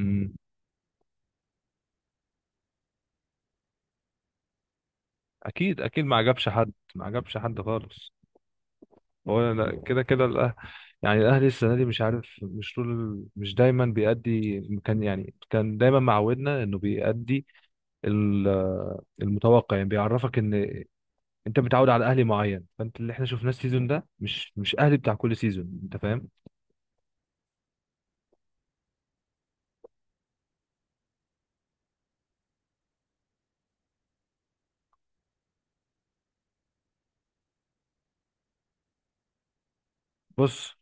مم. اكيد اكيد ما عجبش حد، ما عجبش حد خالص. هو كده كده يعني الاهلي السنه دي مش عارف، مش دايما بيأدي. كان دايما معودنا انه بيأدي ال- المتوقع، يعني بيعرفك ان انت متعود على اهلي معين، فانت اللي احنا شفناه السيزون ده مش اهلي بتاع كل سيزون، انت فاهم؟ بص،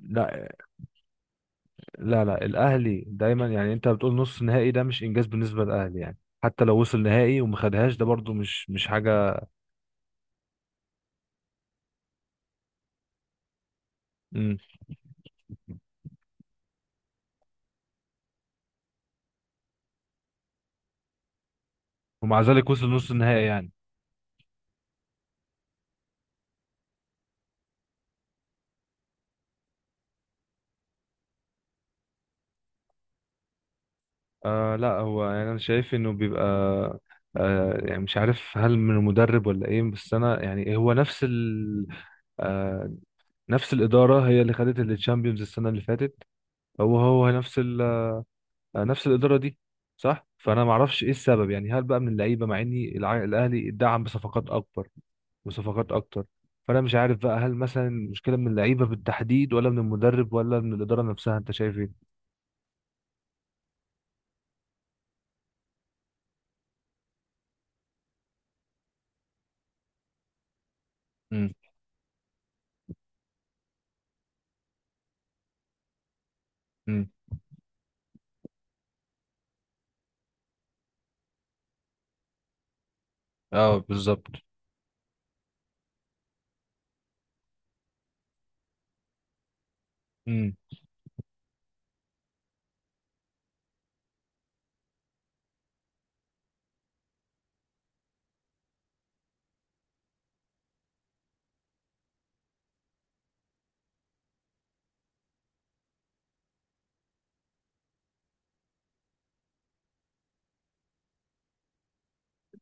لا لا لا، الاهلي دايما، يعني انت بتقول نص نهائي ده مش انجاز بالنسبه للاهلي، يعني. حتى لو وصل نهائي وما خدهاش ده برضو مش حاجه، ومع ذلك وصل نص النهائي يعني. لا، هو يعني انا شايف انه بيبقى، يعني مش عارف هل من المدرب ولا ايه. بس انا يعني هو نفس ال آه نفس الاداره هي اللي خدت الشامبيونز السنه اللي فاتت. هو نفس ال آه نفس الاداره دي، صح. فانا ما اعرفش ايه السبب، يعني هل بقى من اللعيبه، مع اني الاهلي اتدعم بصفقات اكبر وصفقات اكتر. فانا مش عارف بقى، هل مثلا المشكله من اللعيبه بالتحديد، ولا من المدرب، ولا من الاداره نفسها؟ انت شايف ايه؟ مم. اه، بالظبط. امم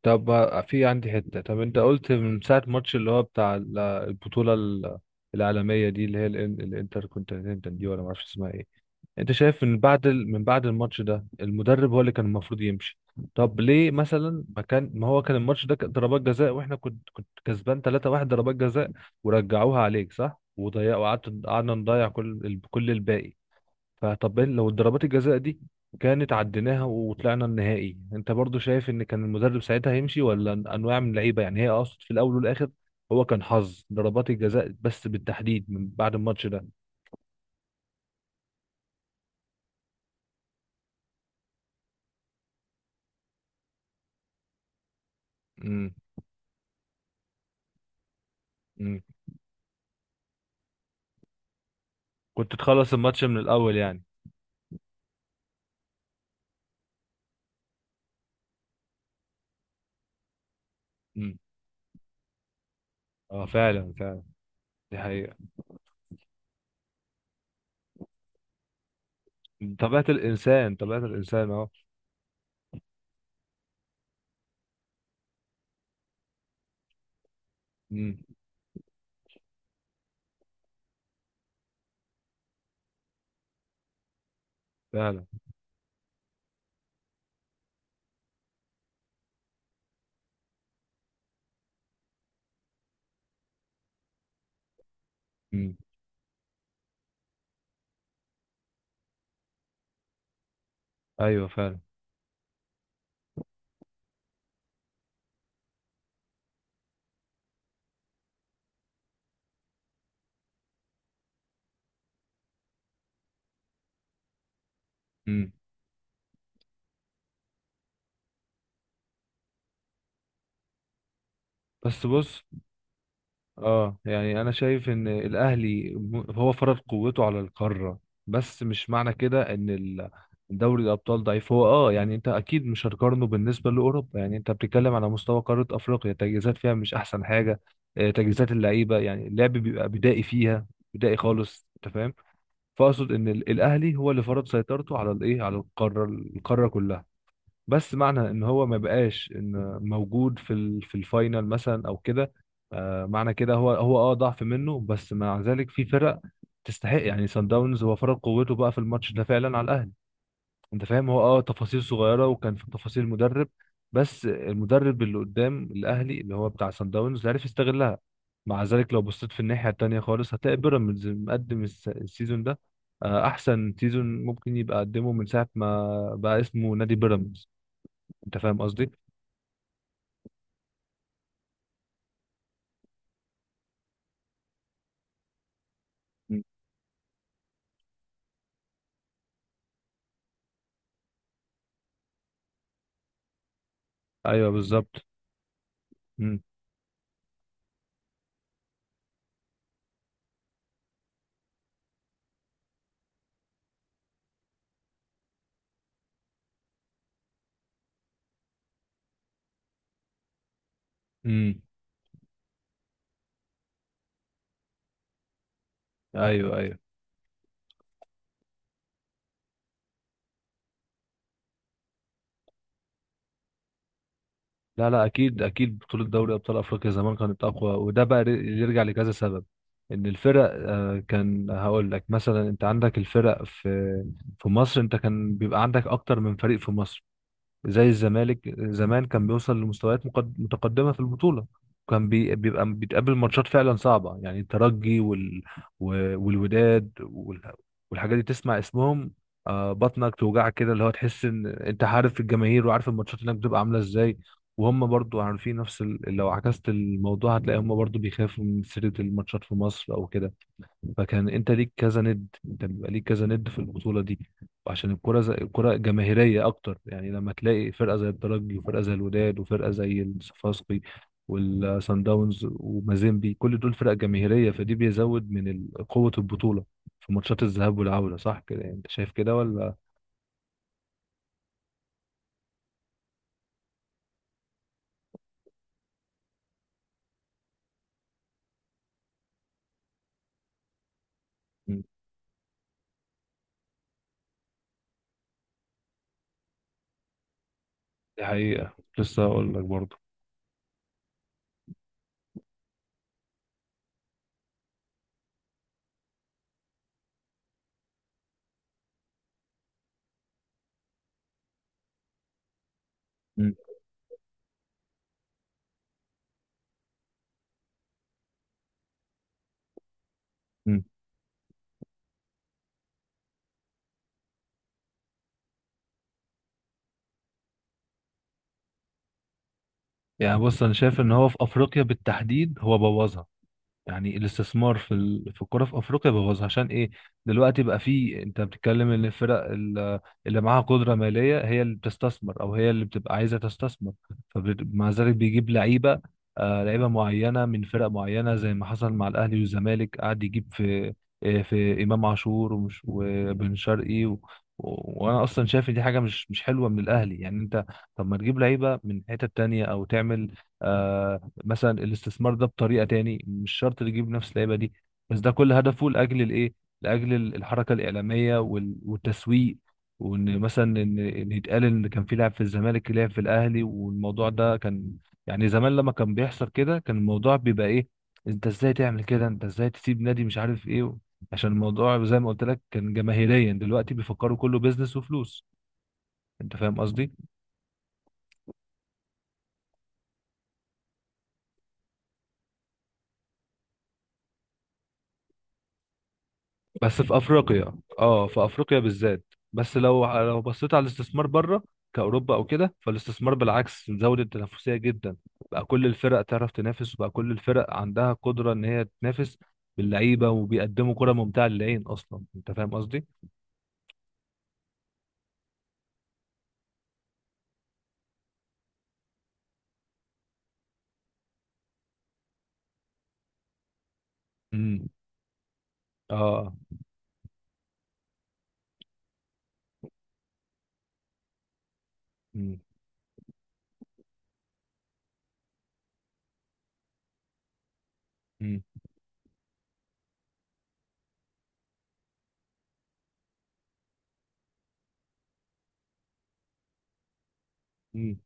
طب بقى في عندي حتة. طب انت قلت من ساعة الماتش اللي هو بتاع البطولة العالمية دي، اللي هي الانتر كونتيننتال دي، ولا معرفش اسمها ايه. انت شايف من بعد الماتش ده المدرب هو اللي كان المفروض يمشي؟ طب ليه مثلا؟ ما هو كان الماتش ده كان ضربات جزاء، واحنا كنت كسبان 3-1 ضربات جزاء، ورجعوها عليك، صح، وضيع. قعدنا نضيع كل كل الباقي. فطب إيه لو ضربات الجزاء دي كانت عديناها وطلعنا النهائي؟ انت برضو شايف ان كان المدرب ساعتها هيمشي، ولا انواع من اللعيبه يعني؟ هي اقصد في الاول والاخر هو كان حظ ضربات الجزاء بس، بالتحديد من بعد الماتش ده. امم. امم. كنت تخلص الماتش من الاول يعني. امم. اه، فعلا، فعلا. دي حقيقه. طبيعه الانسان، طبيعه الانسان، اه. امم. فعلا. امم. ايوه، فعلا. امم. بس بص، اه يعني انا شايف ان الاهلي هو فرض قوته على القاره، بس مش معنى كده ان دوري الابطال ضعيف. هو يعني انت اكيد مش هتقارنه بالنسبه لاوروبا يعني، انت بتتكلم على مستوى قاره افريقيا، تجهيزات فيها مش احسن حاجه. تجهيزات اللعيبه، يعني اللعب بيبقى بدائي فيها، بدائي خالص، انت فاهم. فاقصد ان الاهلي هو اللي فرض سيطرته على الايه، على القاره كلها. بس معنى ان هو ما بقاش ان موجود في الفاينل مثلا او كده، معنى كده هو ضعف منه. بس مع ذلك في فرق تستحق يعني. سان داونز هو فرق قوته بقى في الماتش ده فعلا على الاهلي، انت فاهم. هو تفاصيل صغيره، وكان في تفاصيل مدرب. بس المدرب اللي قدام الاهلي اللي هو بتاع سان داونز عرف يستغلها. مع ذلك لو بصيت في الناحيه التانيه خالص هتلاقي بيراميدز مقدم السيزون ده، احسن سيزون ممكن يبقى قدمه من ساعه ما بقى اسمه نادي بيراميدز، انت فاهم قصدي. مم. ايوه، بالظبط. مم. مم. ايوه، ايوه. لا لا، اكيد اكيد بطوله دوري ابطال افريقيا زمان كانت اقوى، وده بقى يرجع لكذا سبب. ان الفرق، كان هقول لك مثلا، انت عندك الفرق في، في مصر انت كان بيبقى عندك اكتر من فريق في مصر. زي الزمالك زمان كان بيوصل لمستويات متقدمة في البطولة، كان بيبقى بيتقابل ماتشات فعلا صعبة يعني. الترجي والوداد والحاجات دي تسمع اسمهم، بطنك توجعك كده. اللي هو تحس ان انت عارف الجماهير، وعارف الماتشات هناك بتبقى عاملة ازاي. وهم برضو عارفين نفس لو عكست الموضوع هتلاقي هم برضو بيخافوا من سيرة الماتشات في مصر او كده. فكان انت ليك كذا ند، انت بيبقى ليك كذا ند في البطوله دي. وعشان الكره زي الكره جماهيريه اكتر، يعني لما تلاقي فرقه زي الترجي وفرقه زي الوداد وفرقه زي الصفاقسي والسان داونز ومازيمبي، كل دول فرق جماهيريه، فدي بيزود من قوه البطوله في ماتشات الذهاب والعوده، صح كده؟ يعني انت شايف كده ولا؟ مم. دي حقيقه، لسه هقول لك برضه. مم. مم. يعني بص، انا شايف ان هو في افريقيا بالتحديد هو بوظها. يعني الاستثمار في الكرة في افريقيا بوظ، عشان ايه؟ دلوقتي بقى في، انت بتتكلم ان الفرق اللي معاها قدرة مالية هي اللي بتستثمر، او هي اللي بتبقى عايزة تستثمر. فمع ذلك بيجيب لعيبة، لعيبة معينة من فرق معينة، زي ما حصل مع الاهلي والزمالك، قعد يجيب في، في امام عاشور وبن شرقي وانا اصلا شايف ان دي حاجه مش حلوه من الاهلي، يعني انت، طب ما تجيب لعيبه من حته تانية، او تعمل، آه، مثلا الاستثمار ده بطريقه تاني، مش شرط اللي يجيب نفس اللعيبه دي. بس ده كل هدفه لاجل الايه، لاجل الحركه الاعلاميه والتسويق، وان مثلا إن يتقال ان كان في لاعب في الزمالك لعب في الاهلي. والموضوع ده كان، يعني زمان لما كان بيحصل كده كان الموضوع بيبقى ايه؟ انت ازاي تعمل كده، انت ازاي تسيب نادي مش عارف ايه؟ عشان الموضوع زي ما قلت لك كان جماهيريا، دلوقتي بيفكروا كله بيزنس وفلوس، انت فاهم قصدي. بس في افريقيا، اه، في افريقيا بالذات. بس لو بصيت على الاستثمار بره، كاوروبا او كده، فالاستثمار بالعكس زود التنافسيه جدا، بقى كل الفرق تعرف تنافس، وبقى كل الفرق عندها قدره ان هي تنافس باللعيبه، وبيقدموا كره ممتعه للعين اصلا، انت فاهم قصدي. امم. اه. امم.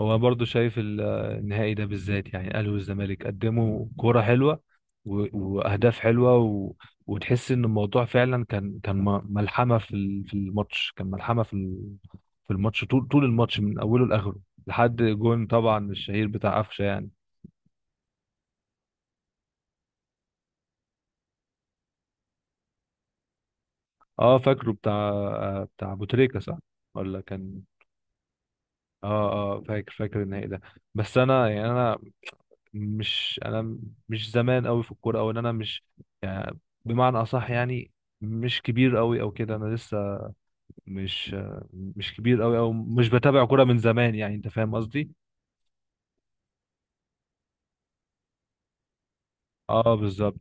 هو برضو شايف النهائي ده بالذات، يعني الاهلي والزمالك قدموا كوره حلوه و- واهداف حلوه وتحس ان الموضوع فعلا كان ملحمه في في الماتش، كان ملحمه في في الماتش طول طول الماتش من اوله لاخره، لحد جون طبعا الشهير بتاع قفشه يعني. اه، فاكره بتاع ابو تريكه، صح ولا كان؟ اه. اه، فاكر النهائي ده. بس انا مش زمان قوي في الكوره، او ان انا مش يعني، بمعنى اصح يعني مش كبير قوي او كده. انا لسه مش مش كبير قوي، او مش بتابع كوره من زمان، يعني انت فاهم قصدي. اه، بالظبط.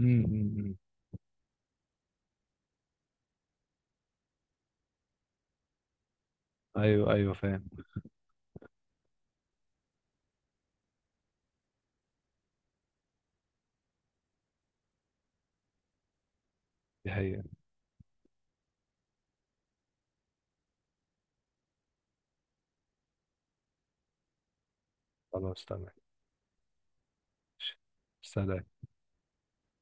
امم. أمم، أمم. ايوه ايوه، فاهم. دي حقيقة. خلاص تمام. سلام.